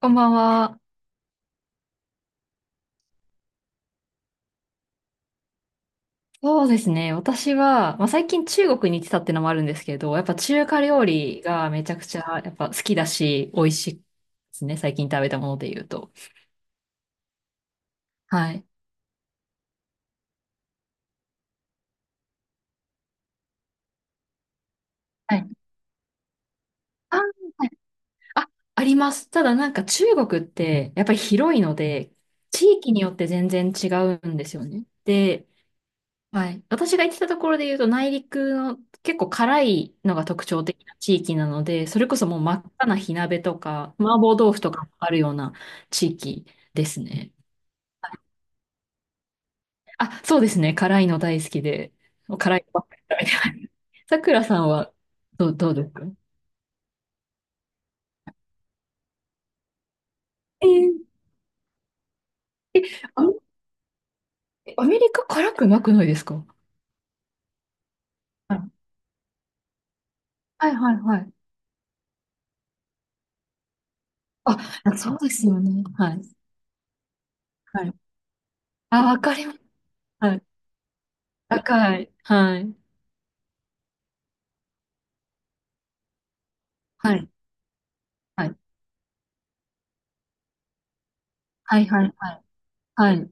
こんばんは。そうですね。私は、まあ、最近中国に行ってたってのもあるんですけど、やっぱ中華料理がめちゃくちゃやっぱ好きだし、美味しいですね。最近食べたもので言うと。はい。はい。あ、はい。ああります。ただなんか中国ってやっぱり広いので、地域によって全然違うんですよね。で、はい。私が行ってたところで言うと、内陸の結構辛いのが特徴的な地域なので、それこそもう真っ赤な火鍋とか、麻婆豆腐とかあるような地域ですね。あ、そうですね。辛いの大好きで、辛いのばっかり食べてます。さくらさんはどうですか？えー、アメアメリカ辛くなくないですか？はいはいはいはい。あ、そうですよね。はい。はい。あ、わかります。はい。高い。はい。はい。はい。はいはいはい。はい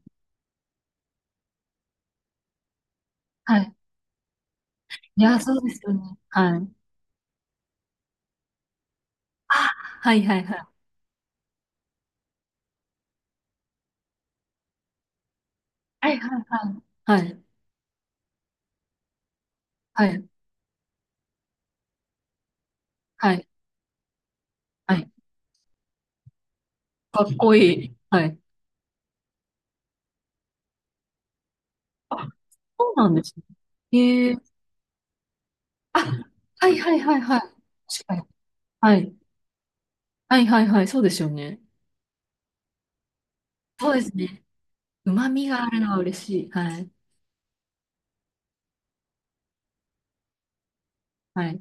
はい。いや、そうですよね。はい。あ、はいはいはい。はいはいはい。はい。はい。はい。はい。かっこいい。はい。あ、そうなんですね。ええ。あ、はいはいはいはい。確かに。はい。はいはいはい。そうですよね。そうですね。旨味があるのは嬉しい。はい。はい。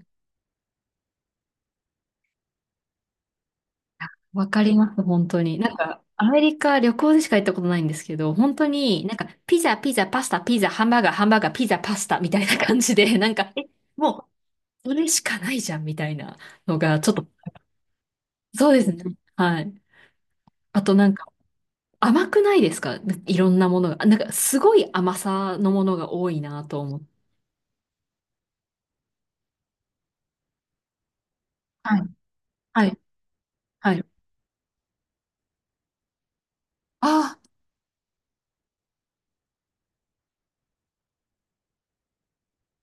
わかります、本当に。なんか、アメリカ旅行でしか行ったことないんですけど、本当になんか、ピザ、ピザ、パスタ、ピザ、ハンバーガー、ハンバーガー、ピザ、パスタみたいな感じで、なんか、え、もう、それしかないじゃんみたいなのが、ちょっと、そうですね。はい。あとなんか、甘くないですか？いろんなものが。なんか、すごい甘さのものが多いなと思って。はい。はい。はい。あ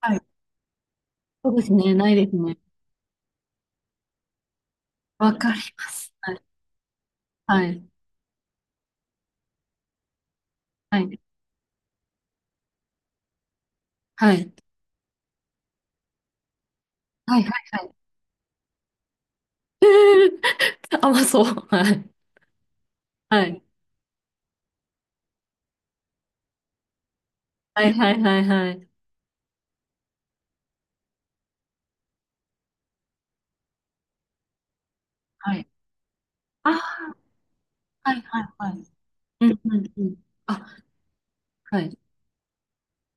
あ、はい。そうですね。ないですね。わかります。はい。はい。はい。はい。はい。はい。えー、甘そう。はい。はい。はい。はい。はい。はい。はい。ああ、はい。はい。はい。うん。うん。うん。あ、はい。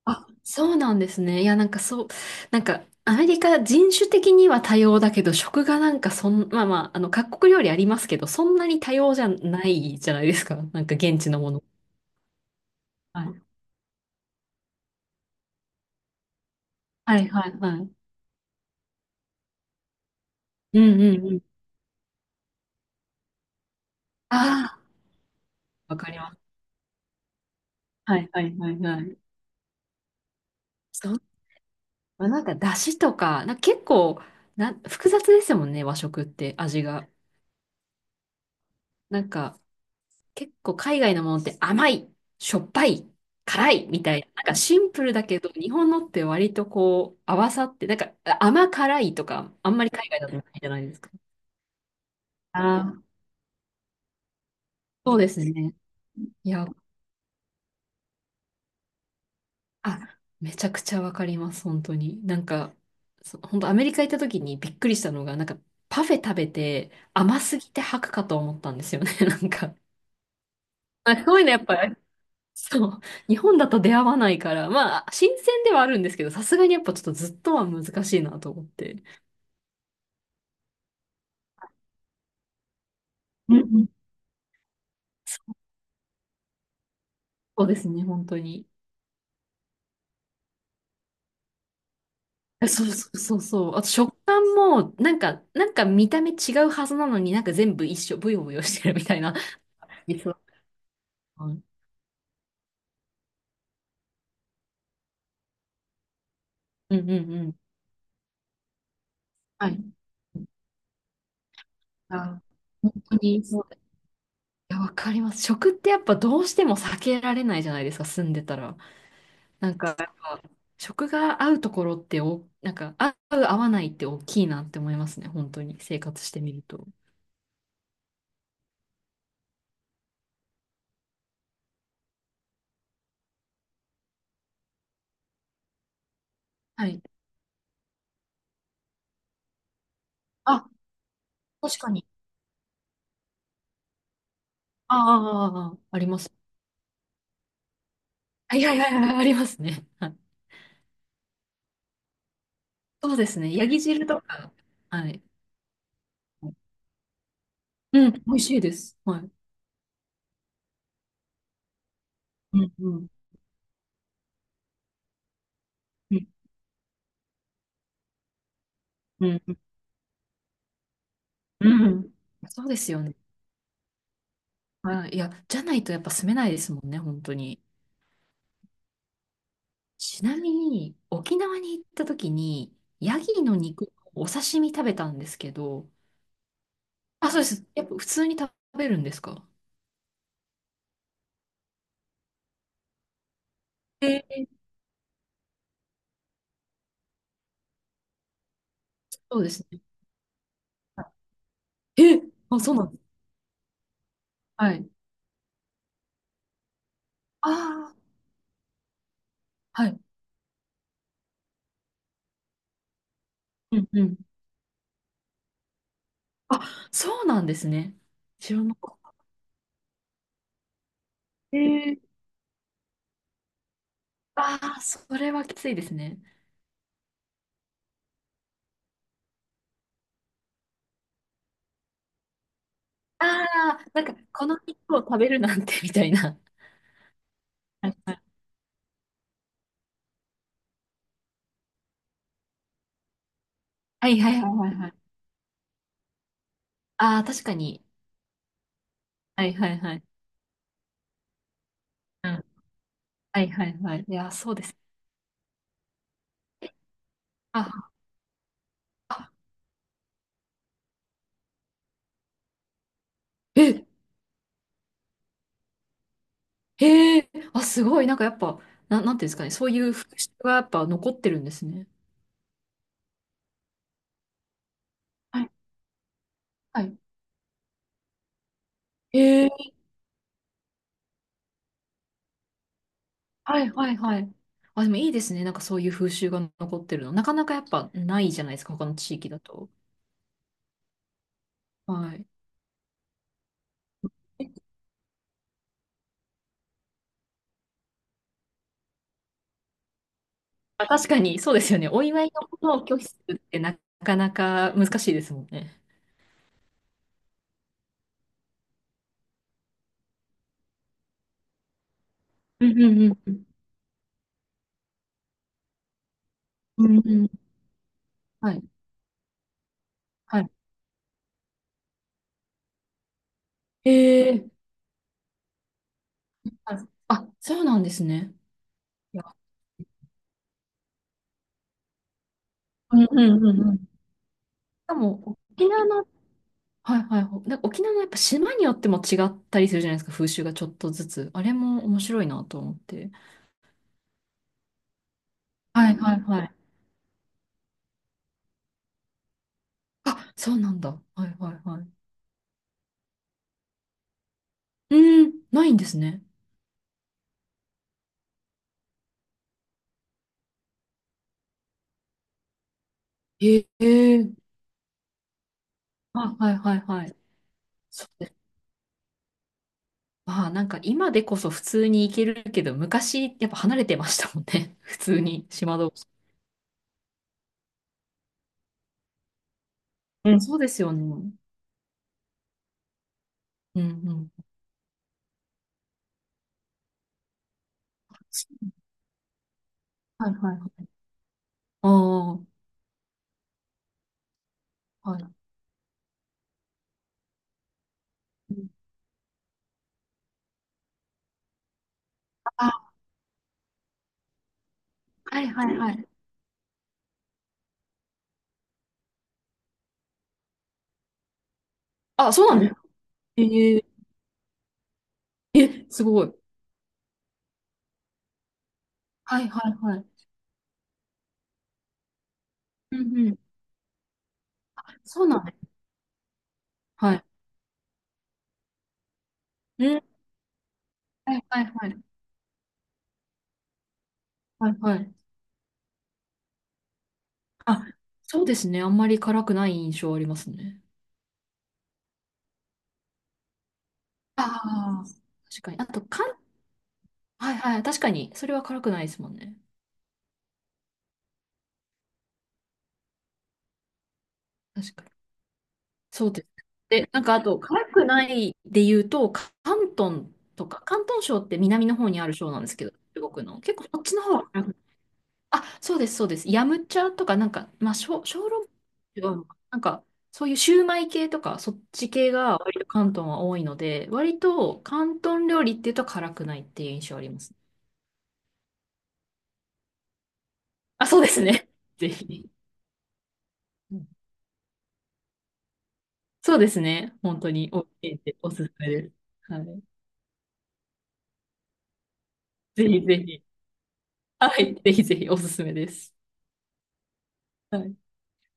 あ、そうなんですね。いや、なんかそう、なんか、アメリカ人種的には多様だけど、食がなんかそん、まあまあ、あの、各国料理ありますけど、そんなに多様じゃないじゃないですか。なんか現地のもの。はい。はいはいはい。うんうんうん。ああ、わかります。はいはいはいはい。そう。まあ、なんか、だしとか、なんか結構、な、複雑ですもんね、和食って、味が。なんか、結構海外のものって甘い、しょっぱい、辛いみたいな、なんかシンプルだけど、日本のって割とこう合わさって、なんか甘辛いとか、あんまり海外だとないじゃないですか。あー、そうですね。いや、あ、めちゃくちゃわかります、本当に。なんか、本当アメリカ行った時にびっくりしたのが、なんかパフェ食べて甘すぎて吐くかと思ったんですよね、なんか。あ、そういうのやっぱそう。日本だと出会わないから、まあ、新鮮ではあるんですけど、さすがにやっぱちょっとずっとは難しいなと思って。うんうん。そうですね、本当に。そうそうそうそう。あと食感も、なんか、なんか見た目違うはずなのになんか全部一緒、ブヨブヨしてるみたいな。理想。うんうんうん。はい。あ、本当にそう。いや、わかります。食ってやっぱどうしても避けられないじゃないですか、住んでたら。なんか、やっぱ食が合うところってお、なんか、合う、合わないって大きいなって思いますね。本当に、生活してみると。はい。あ、確かに。ああ、ああ、あああります。あ、いやいやいや、ありますね。はい。そうですね。ヤギ汁とか。はい。うん、美味しいです。はい。うん、うん、うん、うん、うん。うん。そうですよね。はい。いや、じゃないとやっぱ住めないですもんね、本当に。ちなみに、沖縄に行った時に、ヤギの肉、お刺身食べたんですけど、あ、そうです。やっぱ普通に食べるんですか？えー、そうですね。はい。え、あ、そうなんです。はい。ああ、はい。うんうん。あ、そうなんですね。知らなかった。えー、ああ、それはきついですね。ああ、なんか、この肉を食べるなんて、みたいな。はいはいはいはいはいはい。ああ、確かに。はいはいはい。うん。はいはいはい。いやー、そうです。あ、あ、え、へえ、あ、すごい。なんかやっぱ、なんていうんですかね。そういう風習がやっぱ残ってるんですね。はい。へえ。はいはいはい。あ、でもいいですね。なんかそういう風習が残ってるの。なかなかやっぱないじゃないですか、他の地域だと。はい。え、まあ、確かに、そうですよね。お祝いのことを拒否するってなかなか難しいですもんね。うんうんうん。うんうん。はい。はい。へえー、はい。あ、そうなんですね。いや、うんうんうんうん。でも、沖縄の、はいはい、え、はい、あ、そうなんですね、いや、うんうんうんうん、でも沖縄の、はいはい、なんか沖縄のやっぱ島によっても違ったりするじゃないですか、風習がちょっとずつ。あれも面白いなと思って。はいはいはい。あ、そうなんだ。はいはいはい。うーん、ないんですね。へえ。あ、はいはいはい。そうです。まあなんか今でこそ普通に行けるけど、昔やっぱ離れてましたもんね。普通に島同士。うん、そうですよね。うんうん。はいはいはい。ああ、はい。あ、はいはいはい。あ、そうなんですか？ええ。え、すごい。はいはいはい。うんうん。そうなんです。はい。うん。はいはいはい。はいはい。あ、そうですね。あんまり辛くない印象ありますね。ああ、確かに。あと、かん、はいはい。確かに。それは辛くないですもんね。確かに。そうです。で、なんかあと、辛くないで言うと、広東とか、広東省って南の方にある省なんですけど、中国の。結構そっちの方は辛く、あ、そうです、そうです。ヤムチャとか、なんか、まあ、小籠包は違うのかな。なんか、そういうシューマイ系とか、そっち系が割と広東は多いので、割と広東料理っていうと辛くないっていう印象ありますね。あ、そうですね。ぜひ。うん。そうですね。本当に、OK でおすすめです。はい。ぜひぜひ。はい。ぜひぜひ、おすすめです。はい。